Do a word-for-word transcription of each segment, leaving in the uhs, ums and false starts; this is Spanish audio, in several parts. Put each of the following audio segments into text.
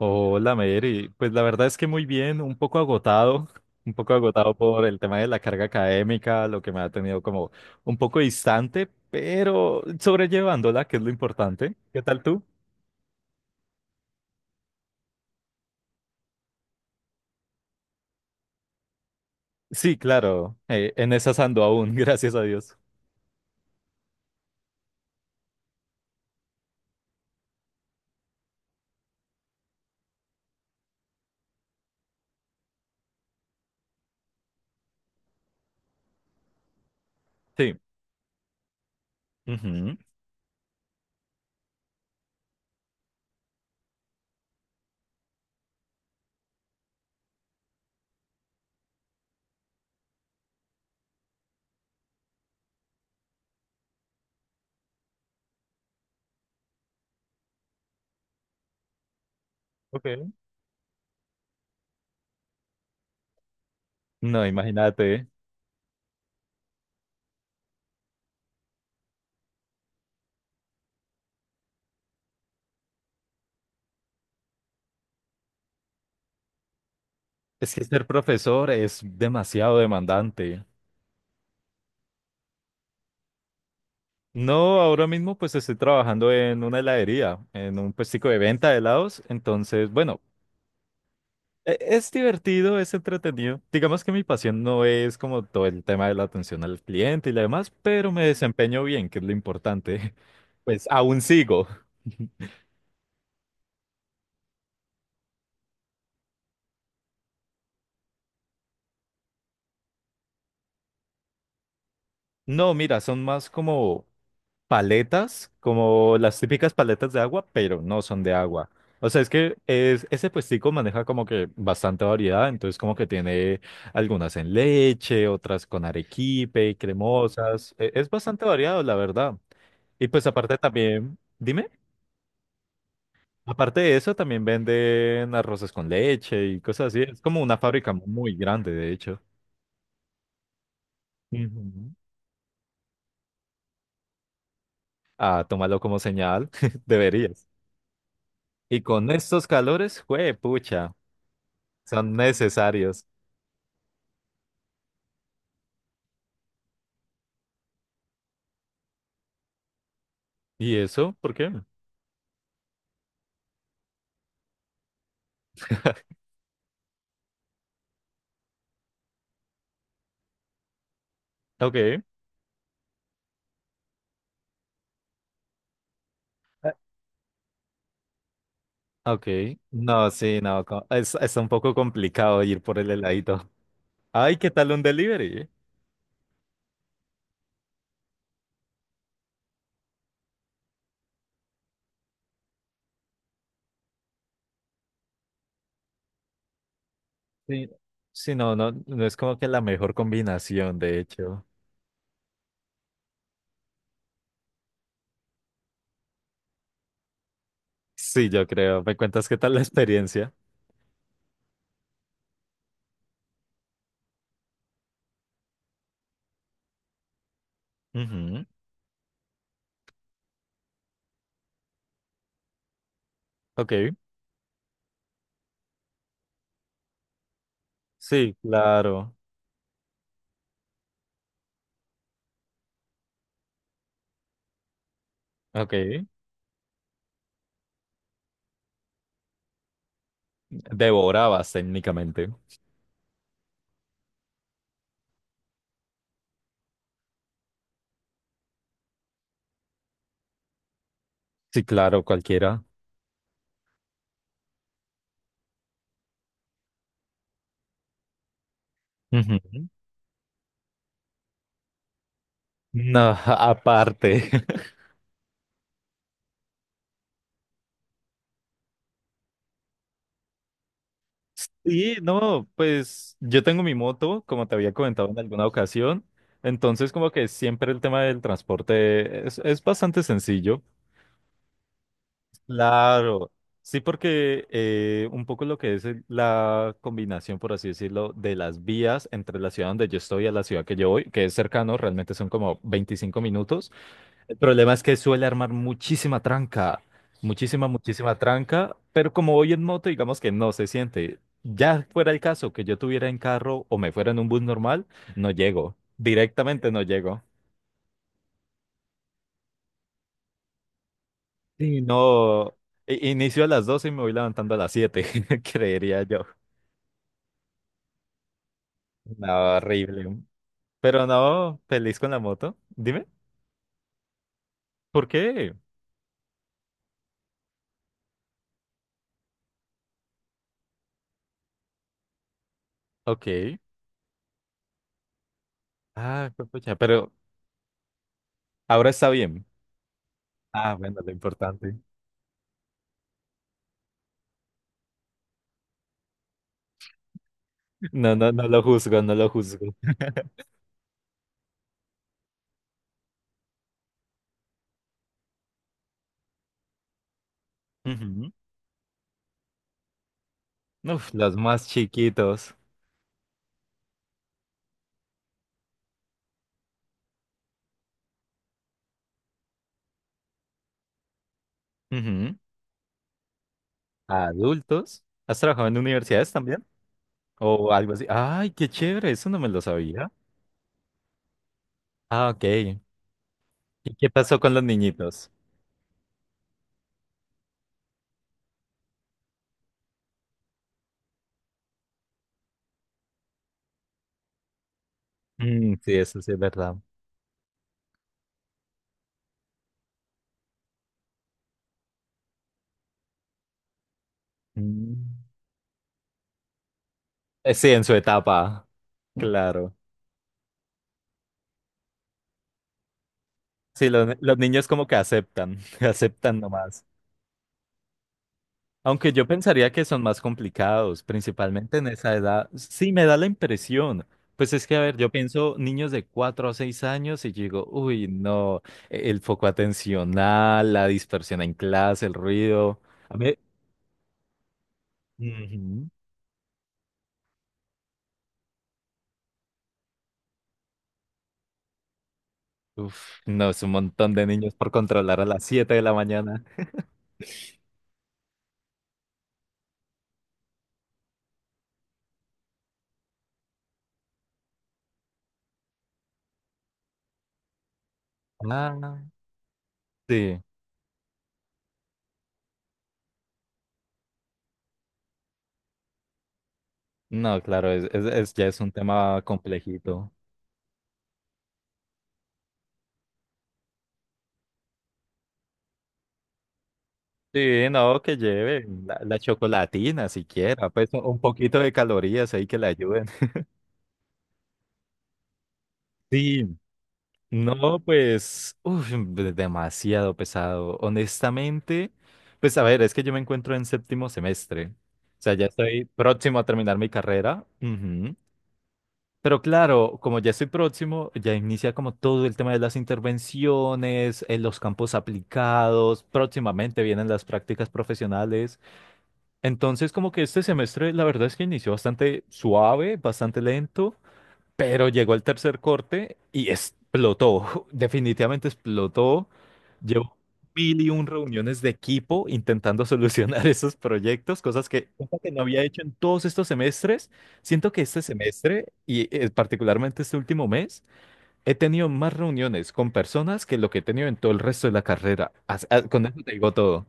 Hola, Mary. Pues la verdad es que muy bien, un poco agotado, un poco agotado por el tema de la carga académica, lo que me ha tenido como un poco distante, pero sobrellevándola, que es lo importante. ¿Qué tal tú? Sí, claro, eh, en esas ando aún, gracias a Dios. Sí. Ujú. Okay. No, imagínate, es que ser profesor es demasiado demandante. No, ahora mismo pues estoy trabajando en una heladería, en un puestico de venta de helados, entonces, bueno. E- Es divertido, es entretenido. Digamos que mi pasión no es como todo el tema de la atención al cliente y lo demás, pero me desempeño bien, que es lo importante. Pues aún sigo. No, mira, son más como paletas, como las típicas paletas de agua, pero no son de agua. O sea, es que es, ese puestico maneja como que bastante variedad, entonces como que tiene algunas en leche, otras con arequipe, cremosas. E- Es bastante variado, la verdad. Y pues aparte también, dime. Aparte de eso, también venden arroces con leche y cosas así. Es como una fábrica muy grande, de hecho. Ujú. Ah, tómalo como señal, deberías. Y con estos calores, pucha, son necesarios. ¿Y eso? ¿Por qué? Ok. Ah, ok. No, sí, no, co- es, es un poco complicado ir por el heladito. Ay, ¿qué tal un delivery? Sí. Sí, no, no, no es como que la mejor combinación, de hecho. Sí, yo creo. ¿Me cuentas qué tal la experiencia? Ujú. Ok. Sí, claro. Ok. Devorabas técnicamente. Sí, claro, cualquiera. Ujú. No, aparte. Y no, pues yo tengo mi moto, como te había comentado en alguna ocasión. Entonces, como que siempre el tema del transporte es, es bastante sencillo. Claro. Sí, porque eh, un poco lo que es el- la combinación, por así decirlo, de las vías entre la ciudad donde yo estoy y a la ciudad que yo voy, que es cercano, realmente son como 25 minutos. El problema es que suele armar muchísima tranca, muchísima, muchísima tranca, pero como voy en moto, digamos que no se siente. Ya fuera el caso que yo tuviera en carro o me fuera en un bus normal, no llego, directamente no llego. Sí, no, i- inicio a las doce y me voy levantando a las siete. Creería yo. No, horrible. Pero no, feliz con la moto. Dime, ¿por qué? Ok. Ah, pues, pucha, pero ahora está bien. Ah, bueno, lo importante. No, no, no lo juzgo, no lo juzgo. Ujú. Uf, los más chiquitos. Ujú. Adultos. ¿Has trabajado en universidades también? O algo así. Ay, qué chévere, eso no me lo sabía. Ah, ok. ¿Y qué pasó con los niñitos? Mm, sí, eso sí es verdad. Mm. Eh, sí, en su etapa, claro. Sí, lo- los niños como que aceptan, aceptan nomás. Aunque yo pensaría que son más complicados, principalmente en esa edad. Sí, me da la impresión. Pues es que, a ver, yo pienso niños de cuatro a seis años y digo, uy, no, e- el foco atencional, la dispersión en clase, el ruido. A ver, ujú. Uf, no, es un montón de niños por controlar a las siete de la mañana. Ah, sí. No, claro, es, es- es- ya es un tema complejito. Sí, no, que lleve la, la chocolatina siquiera, pues un un poquito de calorías ahí que le ayuden. Sí, no, pues, uf, de- demasiado pesado. Honestamente, pues a ver, es que yo me encuentro en séptimo semestre, o sea, ya estoy próximo a terminar mi carrera. Ujú. Pero claro, como ya estoy próximo, ya inicia como todo el tema de las intervenciones, en los campos aplicados, próximamente vienen las prácticas profesionales. Entonces, como que este semestre, la verdad es que inició bastante suave, bastante lento, pero llegó el tercer corte y explotó, definitivamente explotó. Llevo mil y un reuniones de equipo intentando solucionar esos proyectos, cosas que, cosa que no había hecho en todos estos semestres. Siento que este semestre, y eh, particularmente este último mes, he tenido más reuniones con personas que lo que he tenido en todo el resto de la carrera. As- ah, Con eso te digo todo.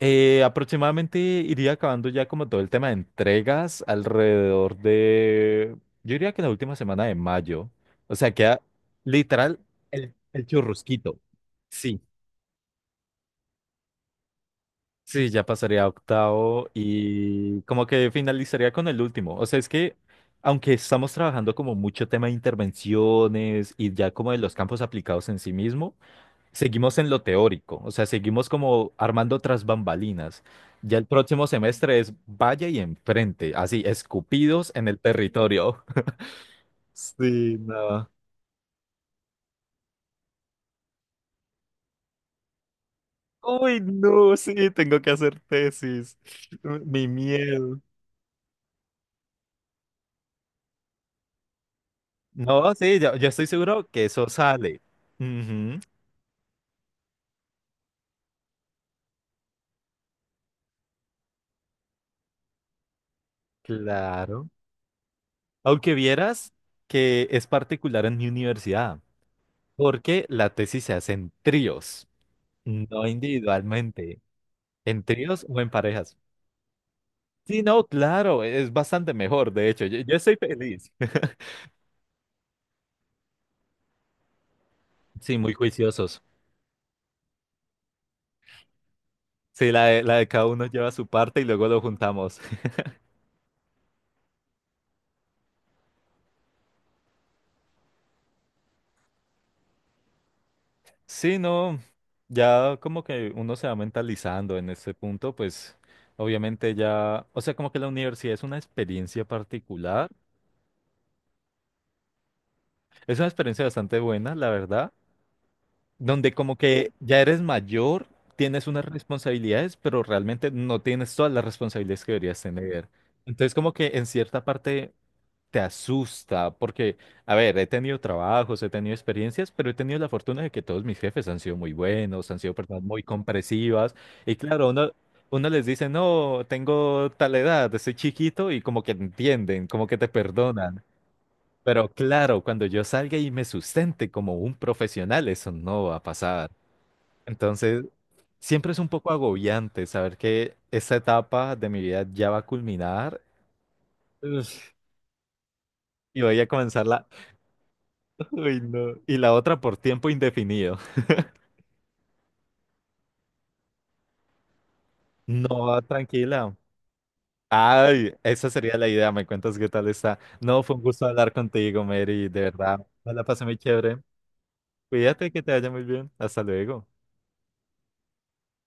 Eh, aproximadamente iría acabando ya como todo el tema de entregas alrededor de, yo diría que la última semana de mayo. O sea, queda literal el, el churrusquito. Sí, sí, ya pasaría a octavo y como que finalizaría con el último. O sea, es que aunque estamos trabajando como mucho tema de intervenciones y ya como de los campos aplicados en sí mismo, seguimos en lo teórico, o sea, seguimos como armando otras bambalinas. Ya el próximo semestre es vaya y enfrente, así, escupidos en el territorio. Sí, no. Uy, no, sí, tengo que hacer tesis. Mi miedo. No, sí, yo, yo estoy seguro que eso sale. Ujú, claro. Aunque vieras que es particular en mi universidad, porque la tesis se hace en tríos, no individualmente, en tríos o en parejas. Sí, no, claro, es bastante mejor, de hecho, yo, yo estoy feliz. Sí, muy juiciosos. Sí, la de, la de cada uno lleva su parte y luego lo juntamos. Sí, no, ya como que uno se va mentalizando en este punto, pues obviamente ya, o sea, como que la universidad es una experiencia particular, es una experiencia bastante buena, la verdad, donde como que ya eres mayor, tienes unas responsabilidades, pero realmente no tienes todas las responsabilidades que deberías tener. Entonces como que en cierta parte te asusta, porque, a ver, he tenido trabajos, he tenido experiencias, pero he tenido la fortuna de que todos mis jefes han sido muy buenos, han sido personas muy comprensivas, y claro, uno, uno les dice, no, tengo tal edad, soy chiquito, y como que entienden, como que te perdonan. Pero claro, cuando yo salga y me sustente como un profesional, eso no va a pasar. Entonces, siempre es un poco agobiante saber que esta etapa de mi vida ya va a culminar. Uf, y voy a comenzar la. Uy, no. Y la otra por tiempo indefinido. No, tranquila. Ay, esa sería la idea. Me cuentas qué tal está. No, fue un gusto hablar contigo, Mary. De verdad, me la pasé muy chévere. Cuídate, que te vaya muy bien. Hasta luego.